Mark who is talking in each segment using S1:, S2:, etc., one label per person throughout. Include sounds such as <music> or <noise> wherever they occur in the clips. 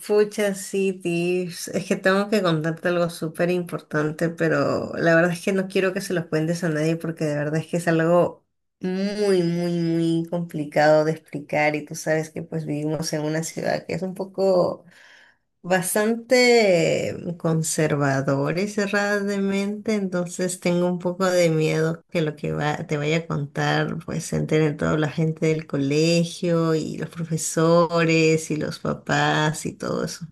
S1: Fucha sí, Tips. Es que tengo que contarte algo súper importante, pero la verdad es que no quiero que se los cuentes a nadie porque de verdad es que es algo muy, muy, muy complicado de explicar y tú sabes que pues vivimos en una ciudad que es un poco bastante conservadora y cerrada de mente, entonces tengo un poco de miedo que lo que te vaya a contar pues se entere toda la gente del colegio y los profesores y los papás y todo eso.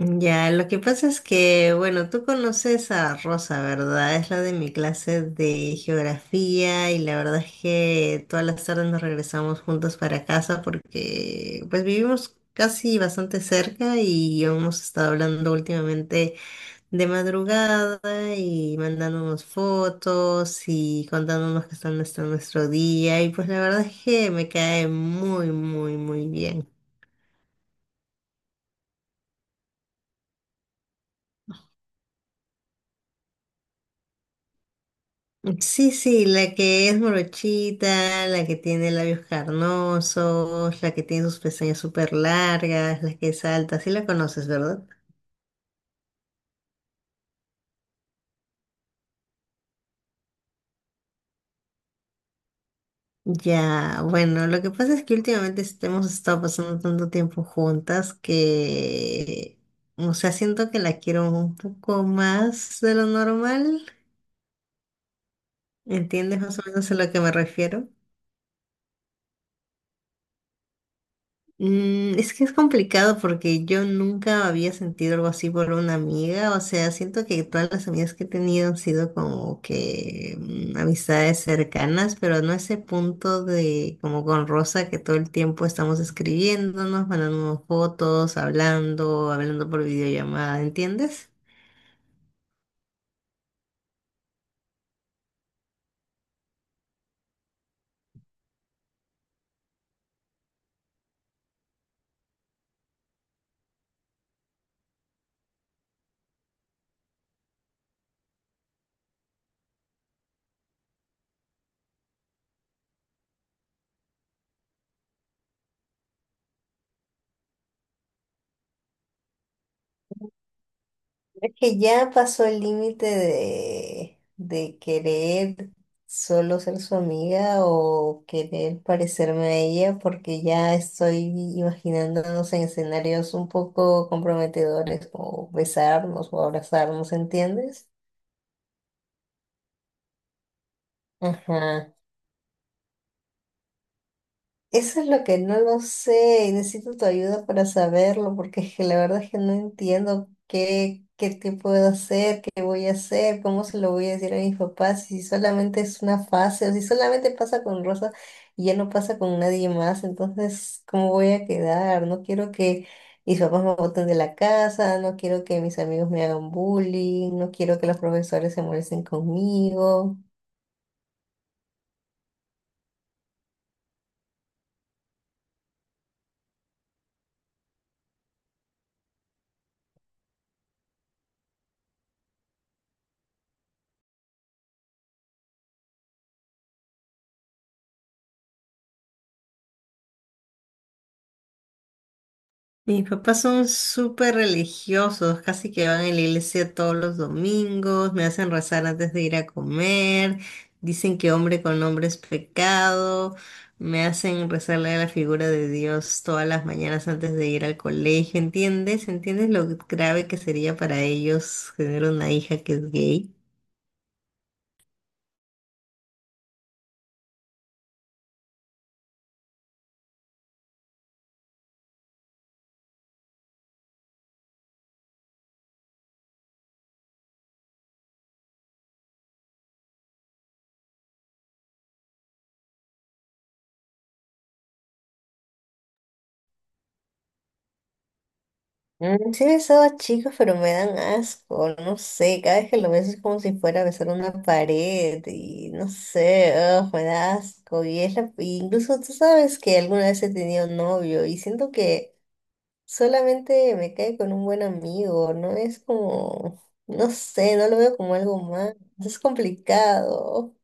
S1: Ya, lo que pasa es que, bueno, tú conoces a Rosa, ¿verdad? Es la de mi clase de geografía y la verdad es que todas las tardes nos regresamos juntos para casa porque pues vivimos casi bastante cerca y hemos estado hablando últimamente de madrugada y mandándonos fotos y contándonos qué está nuestro día y pues la verdad es que me cae muy, muy, muy bien. Sí, sí, la que es morochita, la que tiene labios carnosos, la que tiene sus pestañas súper largas, la que es alta, sí la conoces, ¿verdad? Ya, bueno, lo que pasa es que últimamente hemos estado pasando tanto tiempo juntas que, o sea, siento que la quiero un poco más de lo normal. ¿Entiendes más o menos a lo que me refiero? Es que es complicado porque yo nunca había sentido algo así por una amiga, o sea, siento que todas las amigas que he tenido han sido como que amistades cercanas, pero no ese punto de como con Rosa que todo el tiempo estamos escribiéndonos, mandándonos fotos, hablando por videollamada, ¿entiendes? Es que ya pasó el límite de querer solo ser su amiga o querer parecerme a ella, porque ya estoy imaginándonos en escenarios un poco comprometedores, o besarnos o abrazarnos, ¿entiendes? Ajá. Eso es lo que no lo sé y necesito tu ayuda para saberlo, porque <laughs> es que la verdad es que no entiendo qué puedo hacer, qué voy a hacer, cómo se lo voy a decir a mis papás, si solamente es una fase, o si solamente pasa con Rosa y ya no pasa con nadie más, entonces, ¿cómo voy a quedar? No quiero que mis papás me boten de la casa, no quiero que mis amigos me hagan bullying, no quiero que los profesores se molesten conmigo. Mis papás son súper religiosos, casi que van a la iglesia todos los domingos, me hacen rezar antes de ir a comer, dicen que hombre con hombre es pecado, me hacen rezarle a la figura de Dios todas las mañanas antes de ir al colegio, ¿entiendes? ¿Entiendes lo grave que sería para ellos tener una hija que es gay? Mm, sí he besado a chicos, pero me dan asco, no sé, cada vez que lo beso es como si fuera a besar una pared y no sé, ugh, me da asco y incluso tú sabes que alguna vez he tenido novio y siento que solamente me cae con un buen amigo, no es como, no sé, no lo veo como algo más, es complicado.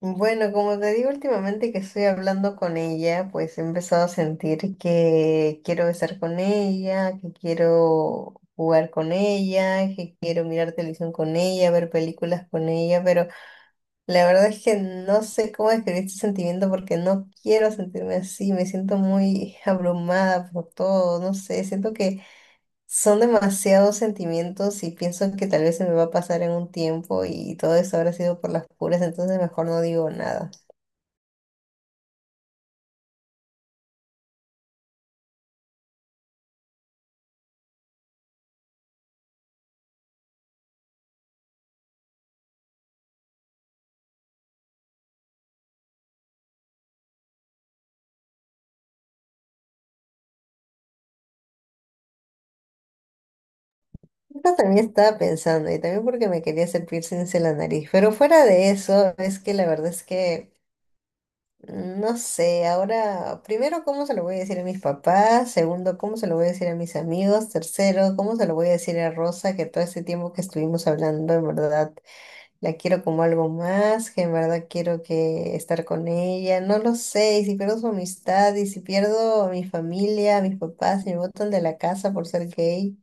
S1: Bueno, como te digo últimamente que estoy hablando con ella, pues he empezado a sentir que quiero estar con ella, que quiero jugar con ella, que quiero mirar televisión con ella, ver películas con ella, pero la verdad es que no sé cómo describir este sentimiento porque no quiero sentirme así, me siento muy <laughs> abrumada por todo, no sé, siento que son demasiados sentimientos y pienso que tal vez se me va a pasar en un tiempo y todo eso habrá sido por las puras, entonces mejor no digo nada. Yo también estaba pensando, y también porque me quería hacer piercings en la nariz, pero fuera de eso, es que la verdad es que no sé, ahora, primero, ¿cómo se lo voy a decir a mis papás? Segundo, ¿cómo se lo voy a decir a mis amigos? Tercero, ¿cómo se lo voy a decir a Rosa que todo este tiempo que estuvimos hablando, en verdad, la quiero como algo más, que en verdad quiero que estar con ella, no lo sé, y si pierdo su amistad, y si pierdo a mi familia, a mis papás, si me botan de la casa por ser gay.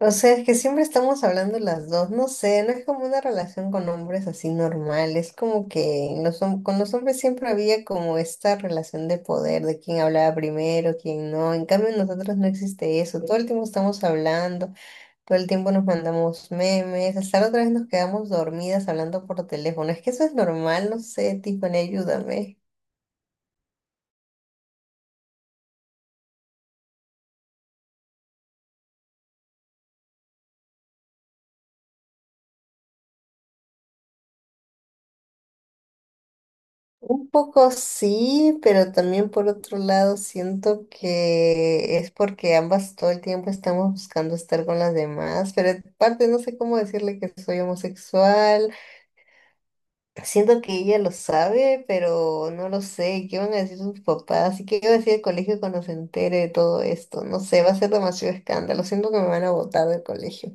S1: O sea, es que siempre estamos hablando las dos, no sé, no es como una relación con hombres así normal, es como que los con los hombres siempre había como esta relación de poder, de quién hablaba primero, quién no, en cambio en nosotros no existe eso, todo el tiempo estamos hablando, todo el tiempo nos mandamos memes, hasta la otra vez nos quedamos dormidas hablando por teléfono, es que eso es normal, no sé, Tiffany, ayúdame. Un poco sí, pero también por otro lado siento que es porque ambas todo el tiempo estamos buscando estar con las demás, pero aparte no sé cómo decirle que soy homosexual. Siento que ella lo sabe, pero no lo sé. ¿Qué van a decir sus papás? ¿Y qué va a decir el colegio cuando se entere de todo esto? No sé, va a ser demasiado escándalo. Siento que me van a botar del colegio.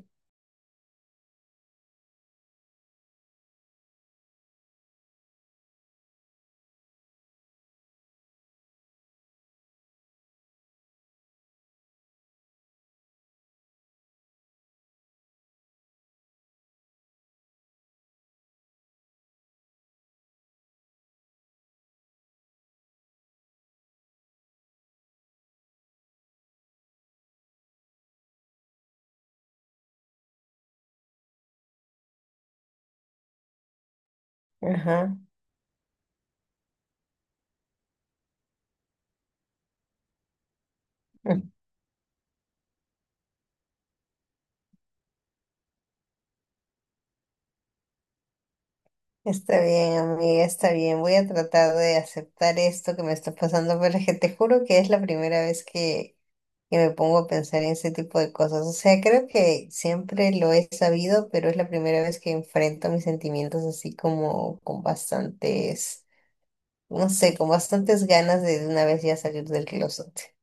S1: Ajá. Está bien, amiga, está bien. Voy a tratar de aceptar esto que me está pasando, pero es que te juro que es la primera vez que me pongo a pensar en ese tipo de cosas. O sea, creo que siempre lo he sabido, pero es la primera vez que enfrento mis sentimientos así como con bastantes, no sé, con bastantes ganas de una vez ya salir del closet.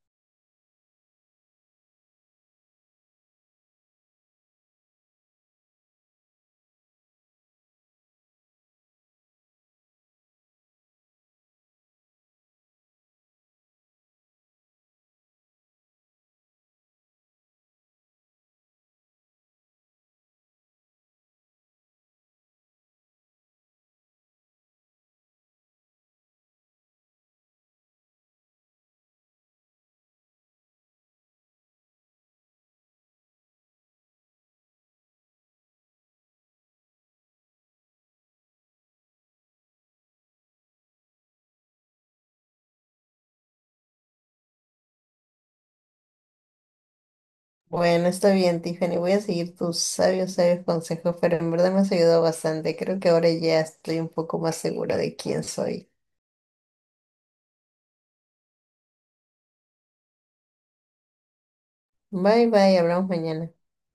S1: Bueno, está bien, Tiffany. Voy a seguir tus sabios, sabios consejos, pero en verdad me has ayudado bastante. Creo que ahora ya estoy un poco más segura de quién soy. Bye bye, hablamos mañana.